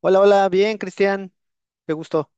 Hola, hola, bien, Cristian. Qué gusto.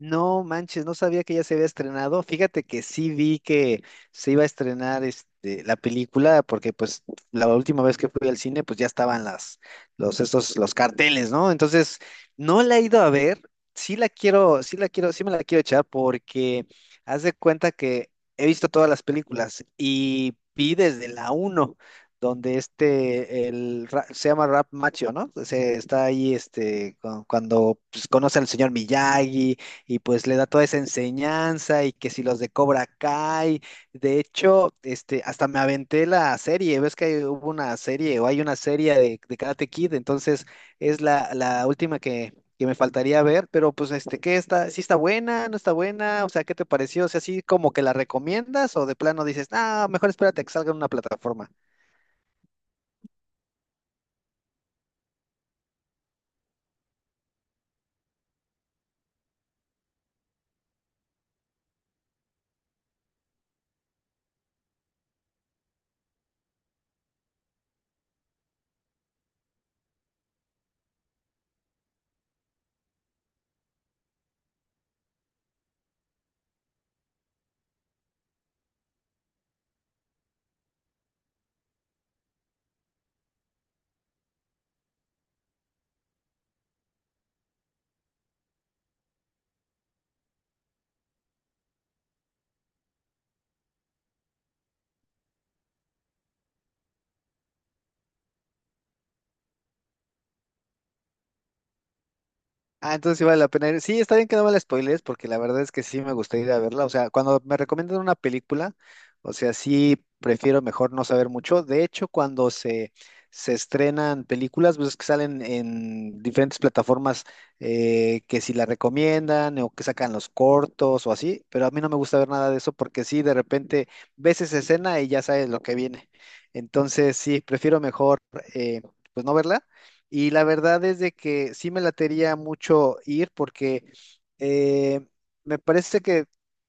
No manches, no sabía que ya se había estrenado. Fíjate que sí vi que se iba a estrenar la película, porque pues la última vez que fui al cine, pues ya estaban los carteles, ¿no? Entonces, no la he ido a ver. Sí la quiero, sí la quiero, sí me la quiero echar, porque haz de cuenta que he visto todas las películas y vi desde la uno, donde se llama Rap Macho, ¿no? Se está ahí cuando pues, conoce al señor Miyagi y pues le da toda esa enseñanza y que si los de Cobra Kai, de hecho, hasta me aventé la serie, ves que hubo una serie o hay una serie de Karate Kid, entonces es la última que me faltaría ver, pero pues este, ¿qué está? ¿Sí está buena? ¿No está buena? O sea, ¿qué te pareció? O sea, ¿sí como que la recomiendas o de plano dices, ah, mejor espérate a que salga en una plataforma? Ah, entonces sí vale la pena ir. Sí, está bien que no me la spoilees, porque la verdad es que sí me gustaría ir a verla. O sea, cuando me recomiendan una película, o sea, sí prefiero mejor no saber mucho. De hecho, se estrenan películas, pues es que salen en diferentes plataformas que si la recomiendan o que sacan los cortos o así, pero a mí no me gusta ver nada de eso porque sí, de repente ves esa escena y ya sabes lo que viene. Entonces, sí, prefiero mejor eh, pues no verla y la verdad es de que sí me latería mucho ir porque eh, me parece que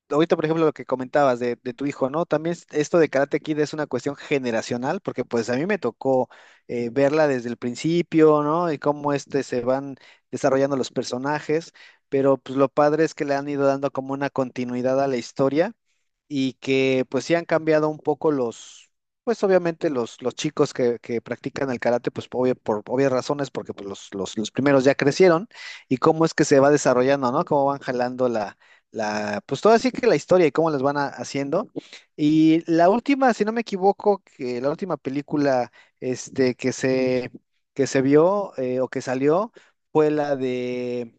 ahorita, por ejemplo, lo que comentabas de tu hijo, ¿no? También esto de Karate Kid es una cuestión generacional porque pues a mí me tocó verla desde el principio, ¿no? Y cómo este se van desarrollando los personajes, pero pues lo padre es que le han ido dando como una continuidad a la historia y que pues sí han cambiado un poco los pues obviamente los chicos que practican el karate, pues por obvias razones, porque pues, los primeros ya crecieron, y cómo es que se va desarrollando, ¿no? Cómo van jalando pues todo así que la historia y cómo les van haciendo. Y la última, si no me equivoco, que la última película este, que se, que se vio o que salió fue la de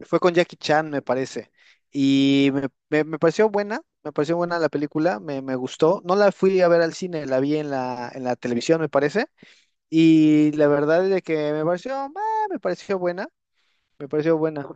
fue con Jackie Chan, me parece. Y me pareció buena la película, me gustó. No la fui a ver al cine, la vi en la televisión, me parece. Y la verdad es de que me pareció, ah, me pareció buena, me pareció buena.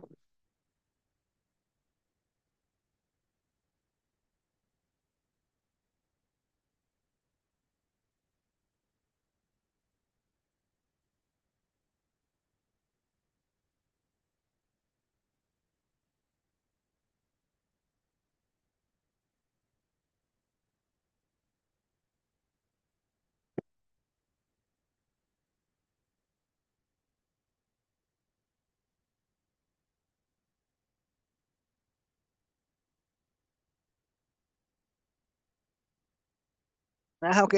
Ah, ok.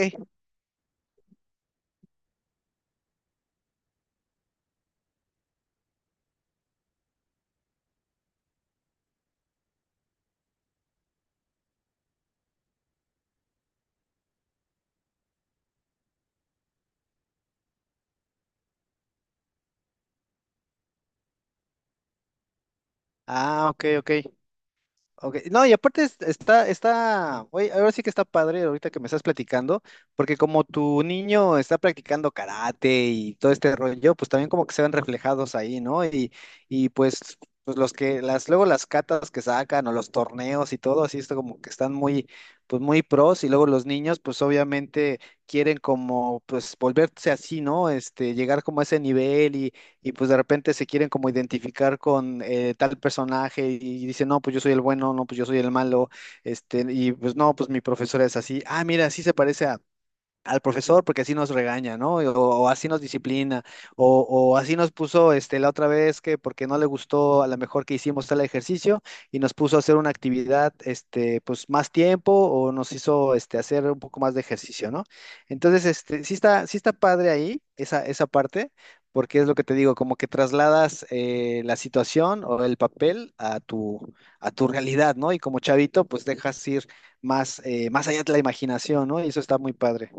Ah, ok, ok. Ok, no, y aparte está, oye, ahora sí que está padre ahorita que me estás platicando, porque como tu niño está practicando karate y todo este rollo, pues también como que se ven reflejados ahí, ¿no? Y pues, pues luego las catas que sacan o los torneos y todo, así está como que están muy, pues muy pros, y luego los niños, pues obviamente quieren como, pues volverse así, ¿no? Este, llegar como a ese nivel y pues de repente se quieren como identificar con tal personaje y dicen, no, pues yo soy el bueno, no, pues yo soy el malo, este, y pues no, pues mi profesora es así, ah, mira, sí se parece a al profesor porque así nos regaña, ¿no? O así nos disciplina, o así nos puso este, la otra vez que porque no le gustó a lo mejor que hicimos tal ejercicio y nos puso a hacer una actividad este, pues más tiempo o nos hizo este, hacer un poco más de ejercicio, ¿no? Entonces, este, sí está padre ahí esa, esa parte. Porque es lo que te digo, como que trasladas la situación o el papel a tu realidad, ¿no? Y como chavito, pues dejas ir más, más allá de la imaginación, ¿no? Y eso está muy padre.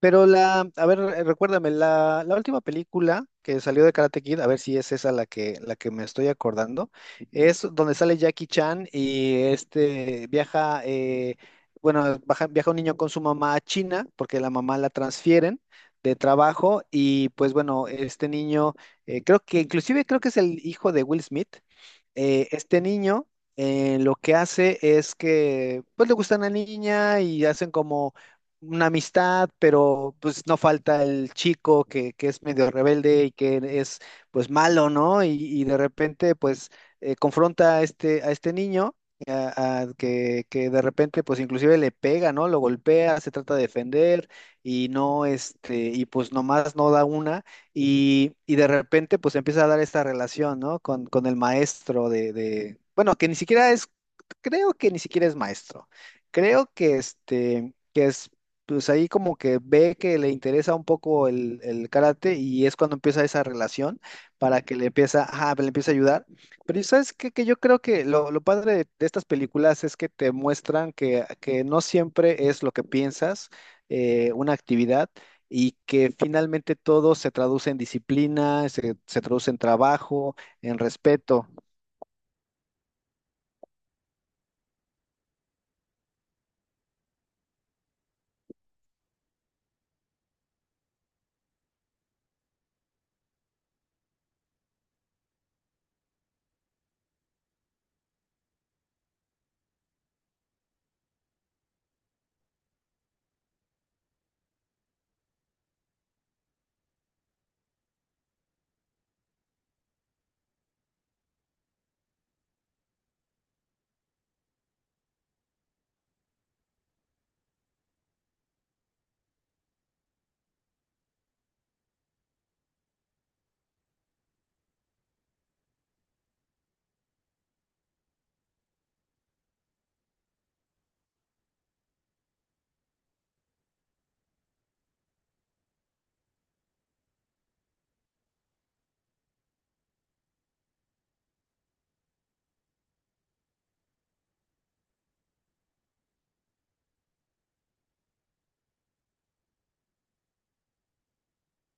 Pero la, a ver, recuérdame, la última película que salió de Karate Kid, a ver si es esa la que me estoy acordando, es donde sale Jackie Chan y este viaja, bueno, viaja un niño con su mamá a China, porque la mamá la transfieren de trabajo, y pues bueno, este niño, creo que, inclusive creo que es el hijo de Will Smith, este niño lo que hace es que pues le gusta una niña y hacen como una amistad, pero pues no falta el chico que es medio rebelde y que es pues malo, ¿no? Y de repente pues confronta a a este niño. A que de repente pues inclusive le pega, ¿no? Lo golpea, se trata de defender y no, este, y pues nomás no da una y de repente, pues empieza a dar esta relación, ¿no? Con el maestro bueno, que ni siquiera es, creo que ni siquiera es maestro. Creo que este, que es, pues ahí como que ve que le interesa un poco el karate y es cuando empieza esa relación para que le empieza, ajá, le empieza a ayudar. Pero ¿y ¿sabes qué? Que yo creo que lo padre de estas películas es que te muestran que no siempre es lo que piensas una actividad y que finalmente todo se traduce en disciplina, se traduce en trabajo, en respeto.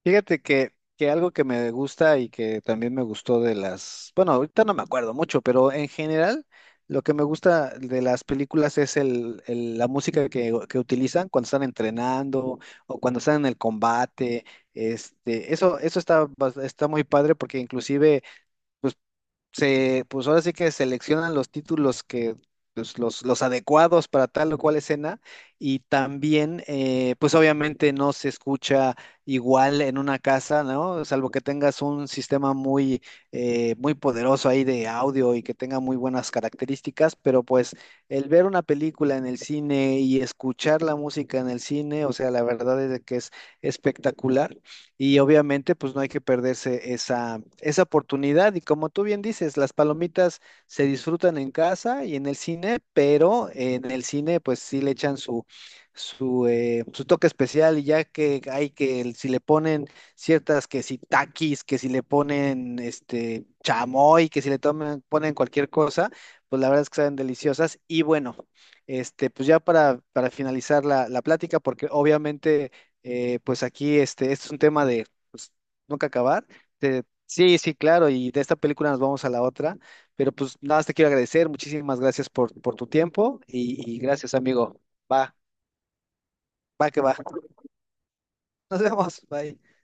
Fíjate que algo que me gusta y que también me gustó de las, bueno, ahorita no me acuerdo mucho, pero en general lo que me gusta de las películas es la música que utilizan cuando están entrenando o cuando están en el combate. Este, eso está, está muy padre porque inclusive se, pues ahora sí que seleccionan los títulos que, pues, los adecuados para tal o cual escena y también, pues obviamente no se escucha igual en una casa, ¿no? Salvo que tengas un sistema muy, muy poderoso ahí de audio y que tenga muy buenas características, pero pues el ver una película en el cine y escuchar la música en el cine, o sea, la verdad es de que es espectacular. Y obviamente, pues no hay que perderse esa, esa oportunidad. Y como tú bien dices, las palomitas se disfrutan en casa y en el cine, pero en el cine, pues sí le echan su, su toque especial. Y ya que hay que, si le ponen ciertas, que si taquis, que si le ponen este chamoy, que si le toman, ponen cualquier cosa, pues la verdad es que saben deliciosas. Y bueno, este, pues ya para finalizar la plática, porque obviamente pues aquí este, este es un tema de pues, nunca acabar. Sí, sí, claro, y de esta película nos vamos a la otra, pero pues nada más te quiero agradecer, muchísimas gracias por tu tiempo y gracias, amigo. Va, va que va. Nos vemos, bye.